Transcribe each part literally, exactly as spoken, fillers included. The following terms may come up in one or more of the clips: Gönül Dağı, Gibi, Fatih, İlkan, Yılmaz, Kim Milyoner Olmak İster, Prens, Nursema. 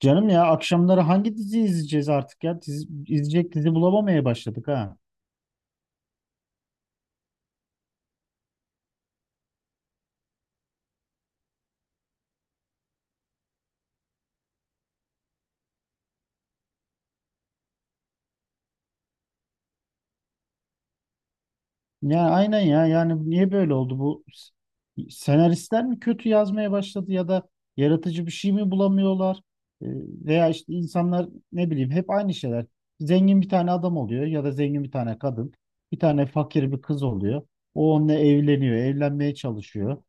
Canım ya, akşamları hangi dizi izleyeceğiz artık ya? Dizi, izleyecek dizi bulamamaya başladık ha. Ya aynen ya, yani niye böyle oldu bu? S- Senaristler mi kötü yazmaya başladı, ya da yaratıcı bir şey mi bulamıyorlar? Ee, Veya işte insanlar ne bileyim, hep aynı şeyler. Zengin bir tane adam oluyor ya da zengin bir tane kadın. Bir tane fakir bir kız oluyor. O onunla evleniyor, evlenmeye çalışıyor.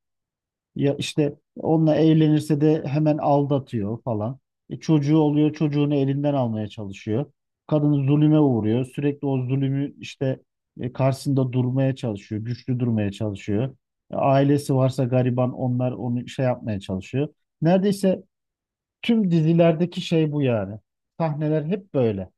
Ya işte onunla evlenirse de hemen aldatıyor falan. E çocuğu oluyor, çocuğunu elinden almaya çalışıyor. Kadın zulüme uğruyor. Sürekli o zulümü işte e, karşısında durmaya çalışıyor, güçlü durmaya çalışıyor. E, ailesi varsa gariban, onlar onu şey yapmaya çalışıyor. Neredeyse tüm dizilerdeki şey bu yani. Sahneler hep böyle.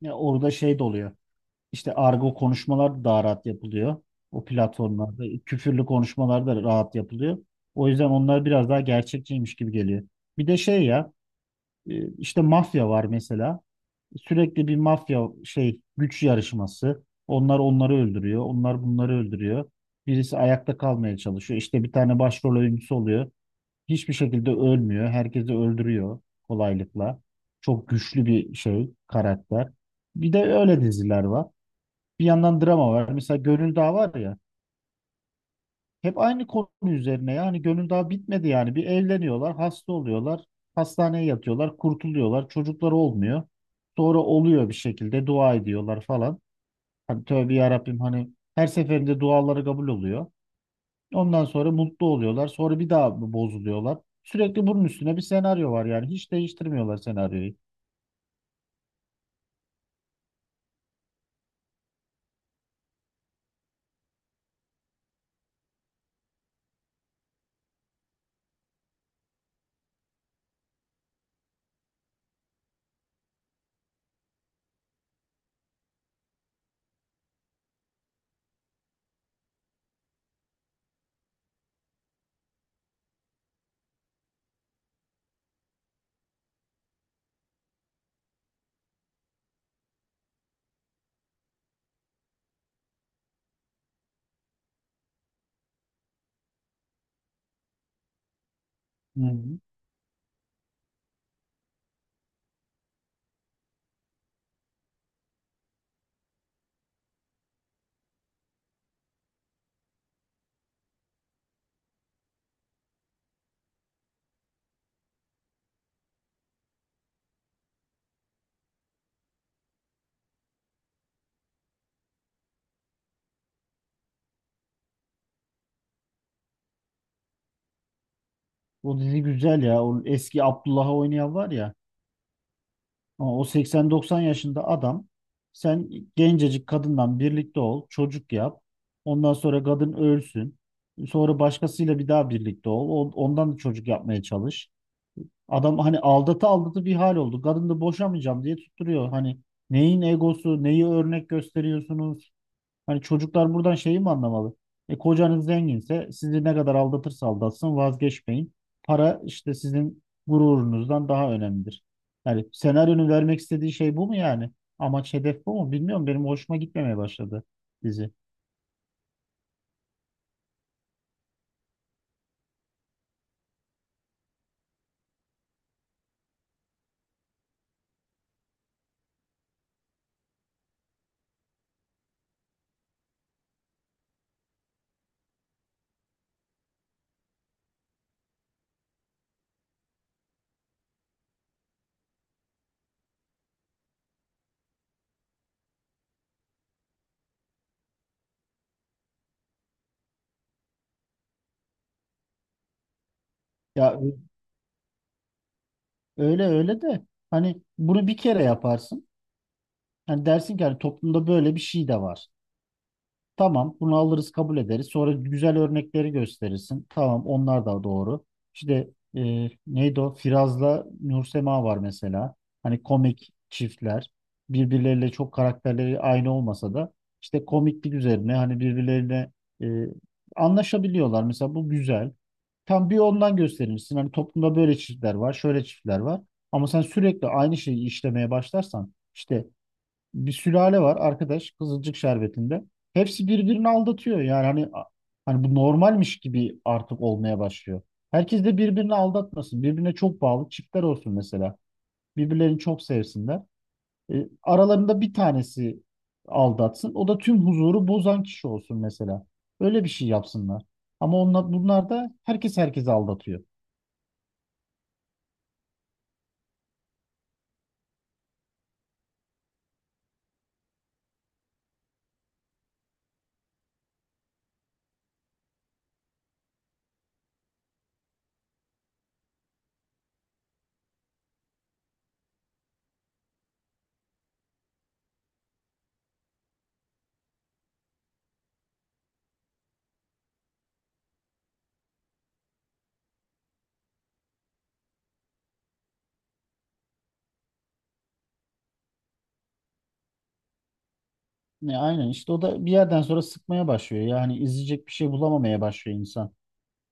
Ya orada şey de oluyor. İşte argo konuşmalar da daha rahat yapılıyor. O platformlarda küfürlü konuşmalar da rahat yapılıyor. O yüzden onlar biraz daha gerçekçiymiş gibi geliyor. Bir de şey ya, e, işte mafya var mesela. Sürekli bir mafya şey, güç yarışması. Onlar onları öldürüyor. Onlar bunları öldürüyor. Birisi ayakta kalmaya çalışıyor. İşte bir tane başrol oyuncusu oluyor. Hiçbir şekilde ölmüyor. Herkesi öldürüyor kolaylıkla. Çok güçlü bir şey karakter. Bir de öyle diziler var. Bir yandan drama var. Mesela Gönül Dağı var ya. Hep aynı konu üzerine, yani Gönül Dağı bitmedi yani. Bir evleniyorlar, hasta oluyorlar. Hastaneye yatıyorlar, kurtuluyorlar. Çocukları olmuyor. Sonra oluyor bir şekilde, dua ediyorlar falan. Hani tövbe ya Rabbim, hani her seferinde duaları kabul oluyor. Ondan sonra mutlu oluyorlar. Sonra bir daha bozuluyorlar. Sürekli bunun üstüne bir senaryo var yani. Hiç değiştirmiyorlar senaryoyu. Hı hı. O dizi güzel ya. O eski Abdullah'ı oynayan var ya. Ama o seksen doksan yaşında adam, sen gencecik kadından birlikte ol, çocuk yap. Ondan sonra kadın ölsün. Sonra başkasıyla bir daha birlikte ol. on- Ondan da çocuk yapmaya çalış. Adam hani aldatı aldatı bir hal oldu. Kadın da boşamayacağım diye tutturuyor. Hani neyin egosu, neyi örnek gösteriyorsunuz? Hani çocuklar buradan şeyi mi anlamalı? E kocanız zenginse sizi ne kadar aldatırsa aldatsın vazgeçmeyin. Para işte sizin gururunuzdan daha önemlidir. Yani senaryonun vermek istediği şey bu mu yani? Amaç hedef bu mu? Bilmiyorum, benim hoşuma gitmemeye başladı dizi. Ya ö- Öyle öyle de hani bunu bir kere yaparsın. Hani dersin ki hani toplumda böyle bir şey de var. Tamam, bunu alırız, kabul ederiz. Sonra güzel örnekleri gösterirsin. Tamam, onlar da doğru. İşte e, neydi o? Firaz'la Nursema var mesela. Hani komik çiftler. Birbirleriyle çok karakterleri aynı olmasa da işte komiklik üzerine hani birbirlerine e, anlaşabiliyorlar. Mesela bu güzel. Tam bir ondan gösterirsin. Hani toplumda böyle çiftler var, şöyle çiftler var. Ama sen sürekli aynı şeyi işlemeye başlarsan işte, bir sülale var arkadaş Kızılcık Şerbeti'nde. Hepsi birbirini aldatıyor. Yani hani hani bu normalmiş gibi artık olmaya başlıyor. Herkes de birbirini aldatmasın. Birbirine çok bağlı çiftler olsun mesela. Birbirlerini çok sevsinler. E, aralarında bir tanesi aldatsın. O da tüm huzuru bozan kişi olsun mesela. Öyle bir şey yapsınlar. Ama onlar, bunlar da herkes herkesi aldatıyor. Ne, aynen işte o da bir yerden sonra sıkmaya başlıyor. Yani izleyecek bir şey bulamamaya başlıyor insan.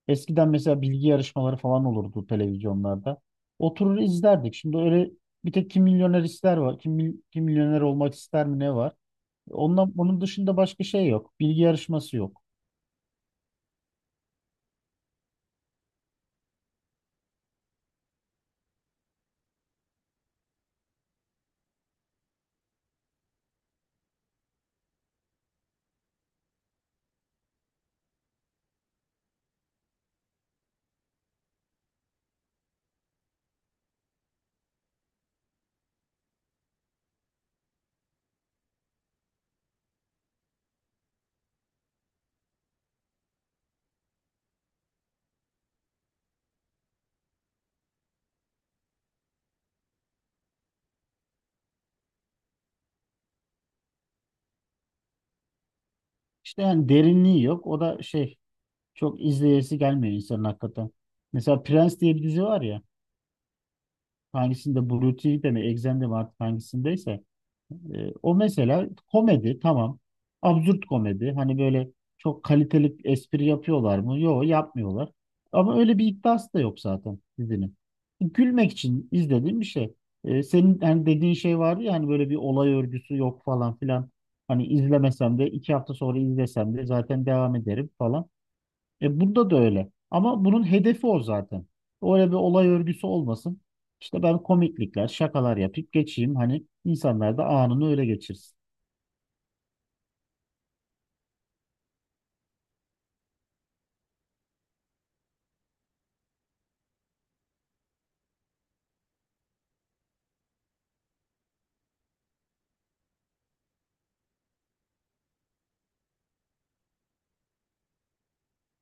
Eskiden mesela bilgi yarışmaları falan olurdu televizyonlarda. Oturur izlerdik. Şimdi öyle bir tek Kim Milyoner ister var. Kim, mil- kim milyoner olmak ister mi ne var? Ondan, onun dışında başka şey yok. Bilgi yarışması yok. İşte yani derinliği yok. O da şey, çok izleyesi gelmiyor insanın hakikaten. Mesela Prens diye bir dizi var ya. Hangisinde Blue T V'de mi Exxen'de mi artık hangisindeyse. E, o mesela komedi tamam. Absürt komedi. Hani böyle çok kaliteli espri yapıyorlar mı? Yok, yapmıyorlar. Ama öyle bir iddiası da yok zaten dizinin. Gülmek için izlediğim bir şey. E, senin hani dediğin şey vardı ya, hani böyle bir olay örgüsü yok falan filan. Hani izlemesem de iki hafta sonra izlesem de zaten devam ederim falan. E bunda da öyle. Ama bunun hedefi o zaten. Öyle bir olay örgüsü olmasın. İşte ben komiklikler, şakalar yapıp geçeyim. Hani insanlar da anını öyle geçirsin.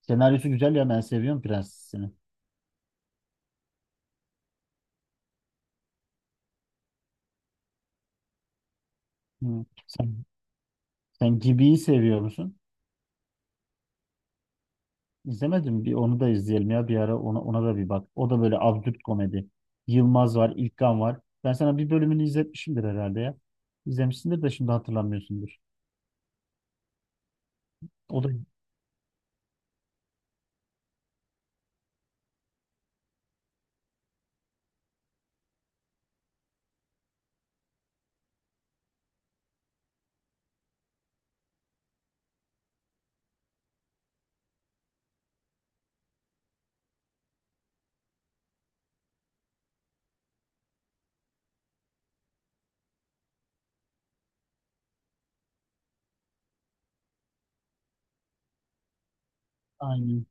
Senaryosu güzel ya, ben seviyorum Prensesini. Hı. Sen, sen Gibi'yi seviyor musun? İzlemedim. Bir onu da izleyelim ya bir ara, ona, ona da bir bak. O da böyle absürt komedi. Yılmaz var, İlkan var. Ben sana bir bölümünü izletmişimdir herhalde ya. İzlemişsindir de şimdi hatırlamıyorsundur. O da aynı.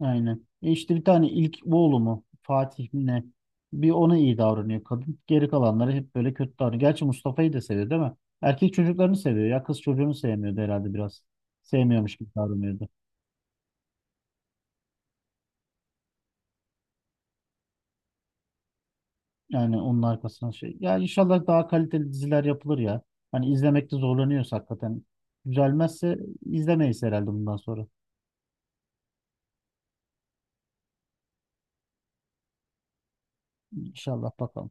Aynen. E işte bir tane ilk oğlu mu, Fatih mi ne? Bir ona iyi davranıyor kadın. Geri kalanları hep böyle kötü davranıyor. Gerçi Mustafa'yı da seviyor değil mi? Erkek çocuklarını seviyor ya. Kız çocuğunu sevmiyordu herhalde biraz. Sevmiyormuş gibi davranıyordu. Yani onun arkasına şey. Ya inşallah daha kaliteli diziler yapılır ya. Hani izlemekte zorlanıyoruz hakikaten. Güzelmezse izlemeyiz herhalde bundan sonra. İnşallah bakalım.